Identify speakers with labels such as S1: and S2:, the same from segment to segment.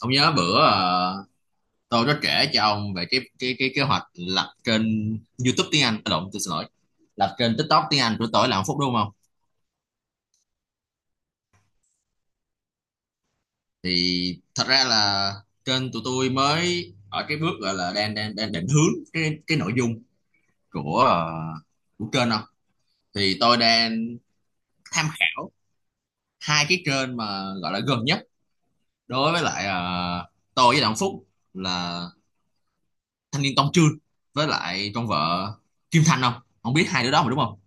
S1: Ông nhớ bữa tôi có kể cho ông về cái kế hoạch lập kênh YouTube tiếng Anh, à lộn, tôi xin lỗi, lập kênh TikTok tiếng Anh của tôi là Hạnh Phúc đúng không? Thì thật ra là kênh tụi tôi mới ở cái bước gọi là đang đang đang định hướng cái nội dung của của kênh. Không thì tôi đang tham khảo hai cái kênh mà gọi là gần nhất đối với lại, tôi với Đặng Phúc, là thanh niên Tông Trương với lại con vợ Kim Thanh. Không không biết hai đứa đó mà đúng không?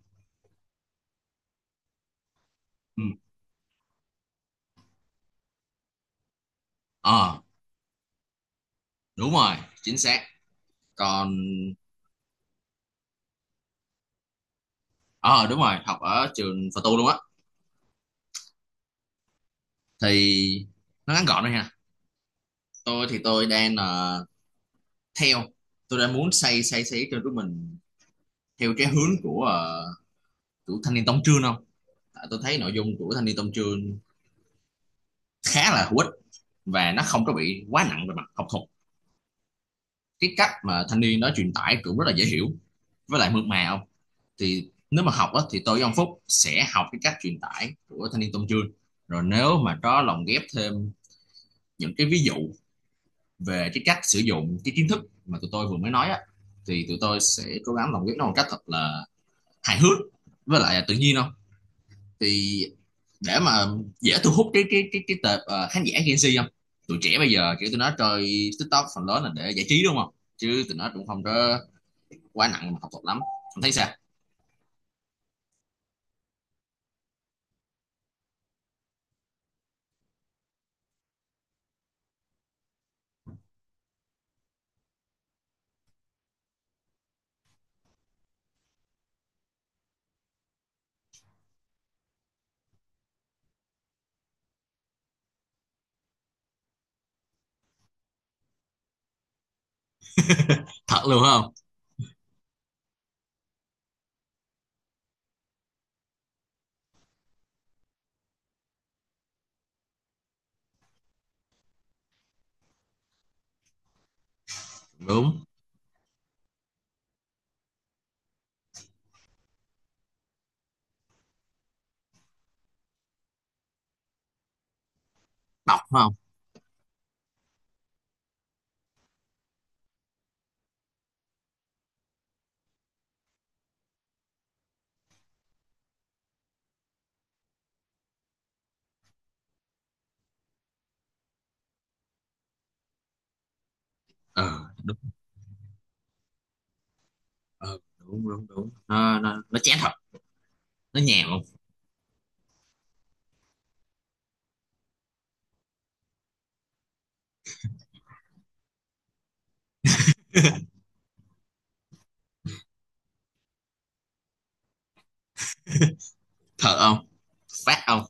S1: Ờ đúng rồi, chính xác. Còn ờ đúng rồi, học ở trường Phật tu luôn á. Thì nó ngắn gọn thôi ha, tôi thì tôi đang theo, tôi đang muốn xây xây xây cho của mình theo cái hướng của của thanh niên Tông Trương. Không tại tôi thấy nội dung của thanh niên Tông Trương khá là hữu ích, và nó không có bị quá nặng về mặt học thuật. Cái cách mà thanh niên nó truyền tải cũng rất là dễ hiểu với lại mượt mà. Không thì nếu mà học á, thì tôi với ông Phúc sẽ học cái cách truyền tải của thanh niên Tôn Trương, rồi nếu mà có lồng ghép thêm những cái ví dụ về cái cách sử dụng cái kiến thức mà tụi tôi vừa mới nói á, thì tụi tôi sẽ cố gắng lồng ghép nó một cách thật là hài hước với lại là tự nhiên. Không thì để mà dễ thu hút cái tệp khán giả Gen Z. Không tụi trẻ bây giờ kiểu tụi nó chơi TikTok phần lớn là để giải trí đúng không, chứ tụi nó cũng không có quá nặng mà học thuật lắm. Không thấy sao? Thật luôn. Không đúng đọc không. Ờ ừ, đúng. Ừ, đúng đúng đúng Nó nó chán thật, nó nhàm. Không thật không, phát không.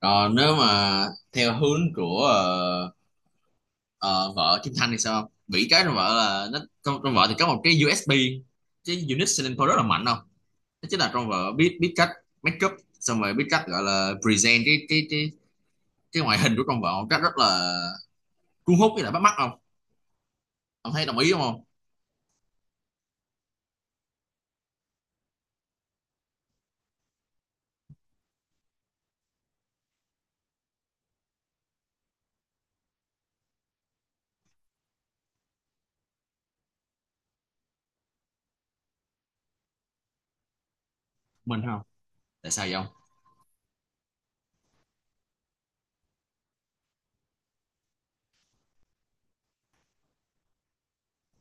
S1: Còn nếu mà theo hướng của ờ, vợ Kim Thanh thì sao? Nghĩ cái trong vợ là nó trong vợ thì có một cái USB, cái unit selling point rất là mạnh. Không nó chính là trong vợ biết biết cách make up, xong rồi biết cách gọi là present cái ngoại hình của trong vợ một cách rất là cuốn hút với lại bắt mắt. Không ông thấy đồng ý không? Không mình không. Tại sao vậy không?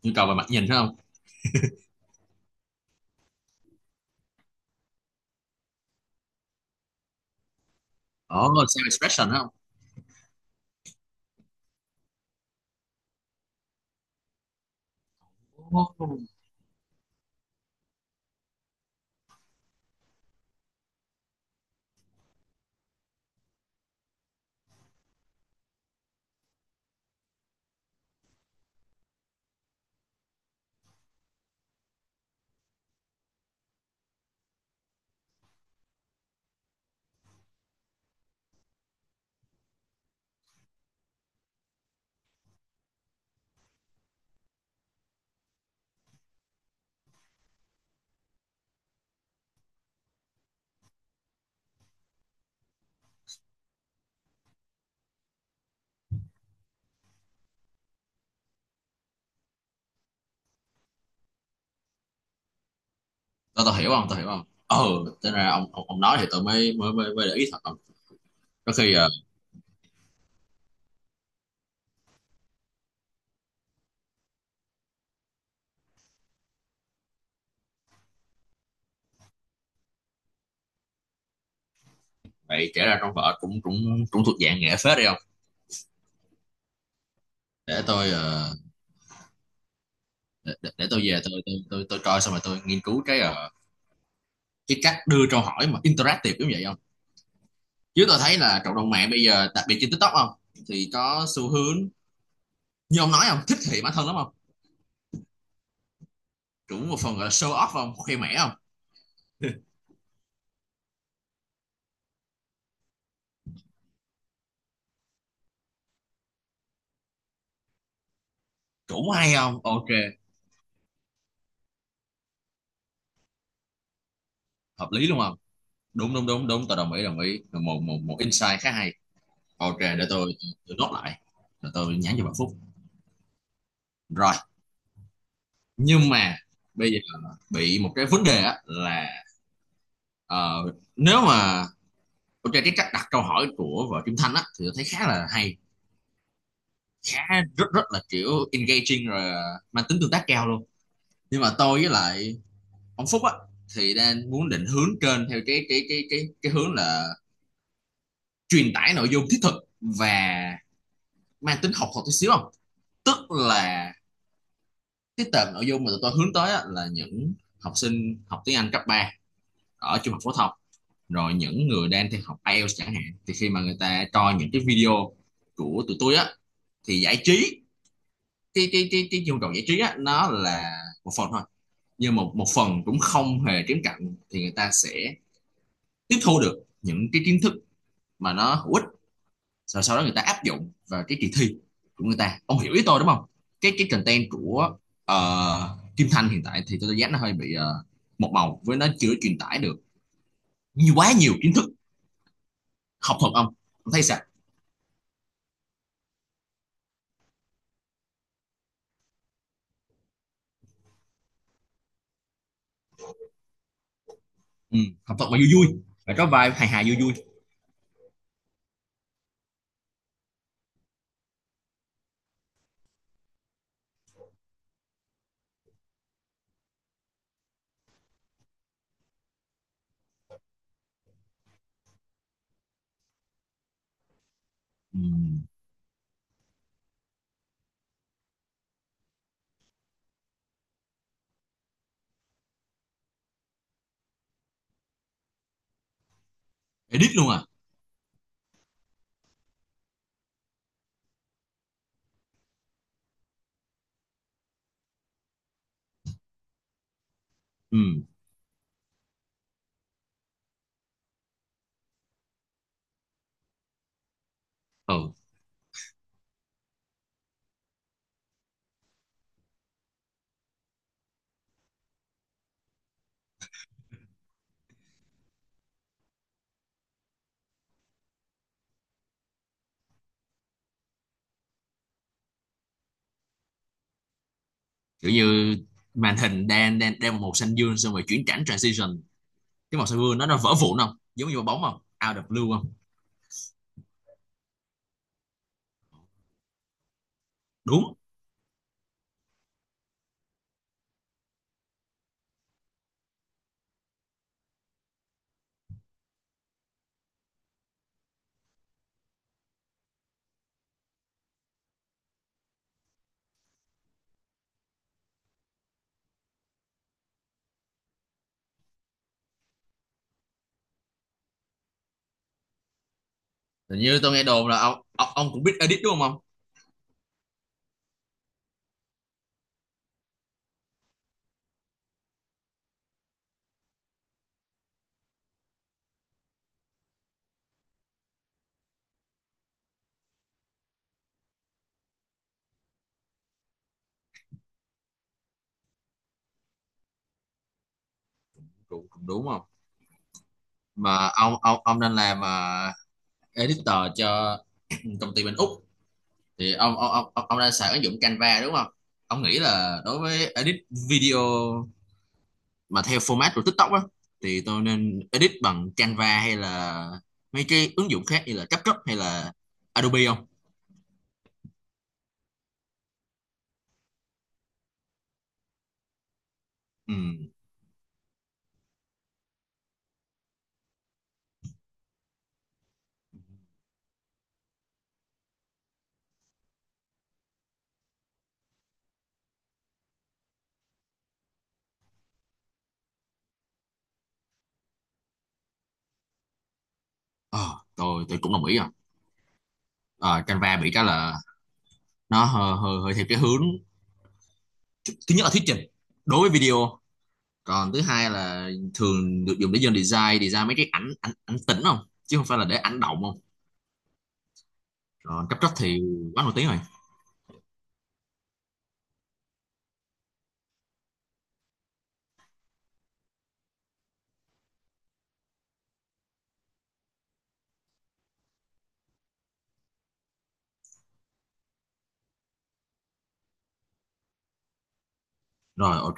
S1: Nhu cầu về mặt nhìn phải không? Ồ, self expression phải không? Ồ, tao tao hiểu. Không tao hiểu không. Ờ thế ra ông, ông nói thì tao mới mới để ý thật không. Có khi ờ, vậy kể ra trong vở cũng cũng cũng thuộc dạng nghệ phết đi không. Để tôi để tôi về tôi tôi coi xong rồi tôi nghiên cứu cái cái cách đưa câu hỏi mà interactive giống vậy. Không chứ tôi thấy là cộng đồng mạng bây giờ đặc biệt trên TikTok. Không thì có xu hướng như ông nói không, thích thị bản thân lắm. Không cũng một phần gọi là show off, không khoe mẽ. Không cũng hay không, ok hợp lý luôn không. Đúng đúng đúng đúng, tôi đồng ý đồng ý, một một một insight khá hay. Ok để tôi nốt lại rồi tôi nhắn cho bạn Phúc. Rồi nhưng mà bây giờ bị một cái vấn đề á là, ờ, nếu mà ok cái cách đặt câu hỏi của vợ Kim Thanh á thì tôi thấy khá là hay, khá rất rất là kiểu engaging rồi, mang tính tương tác cao luôn. Nhưng mà tôi với lại ông Phúc á thì đang muốn định hướng kênh theo cái hướng là truyền tải nội dung thiết thực và mang tính học thuật tí xíu. Không tức là cái tệp nội dung mà tụi tôi hướng tới á, là những học sinh học tiếng Anh cấp 3 ở trung học phổ thông, rồi những người đang theo học IELTS chẳng hạn. Thì khi mà người ta coi những cái video của tụi tôi á, thì giải trí, cái nhu cầu giải trí á nó là một phần thôi, nhưng một một phần cũng không hề kém cạnh thì người ta sẽ tiếp thu được những cái kiến thức mà nó hữu ích, rồi sau đó người ta áp dụng vào cái kỳ thi của người ta, ông hiểu ý tôi đúng không? Cái content của Kim Thanh hiện tại thì tôi dám nó hơi bị một màu với nó chưa truyền tải được nhiều, quá nhiều kiến thức học thuật ông. Ông thấy sao? Ừ, học thuật mà vui vui, phải có vai hài hài vui vui. Ừ. Edit luôn à? Ừ. Ừ kiểu như màn hình đang đang đang màu xanh dương xong rồi chuyển cảnh transition, cái màu xanh dương nó vỡ vụn không giống như quả bóng, không out of blue. Không đúng. Hình như tôi nghe đồn là ông ông cũng biết edit đúng không ông? Cũng, cũng đúng không. Mà ông nên làm editor cho công ty bên Úc thì ông đang xài ứng dụng Canva đúng không? Ông nghĩ là đối với edit video mà theo format của TikTok á, thì tôi nên edit bằng Canva hay là mấy cái ứng dụng khác như là CapCut hay là Adobe không? Ừ. Ờ, tôi cũng đồng ý rồi. Ờ, Canva bị cái là nó hơi theo cái hướng thứ nhất là thuyết trình đối với video, còn thứ hai là thường được dùng để dân design design mấy cái ảnh ảnh ảnh tĩnh không, chứ không phải là để ảnh động. Không rồi cấp tốc thì quá nổi tiếng rồi. Rồi ok.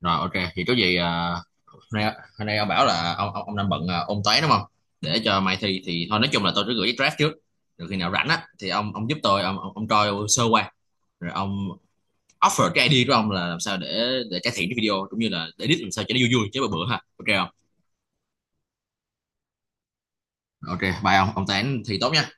S1: Rồi ok thì có gì à, hôm nay hôm nay ông bảo là ông ông đang bận à, ôn toán đúng không, để cho mai thi. Thì thôi nói chung là tôi cứ gửi cái draft trước, rồi khi nào rảnh á thì ông giúp tôi ông ông coi sơ qua rồi ông offer cái idea của ông là làm sao để cải thiện cái video cũng như là để edit làm sao cho nó vui vui chứ bữa bữa ha, ok không. Ok bye ông toán thi tốt nha.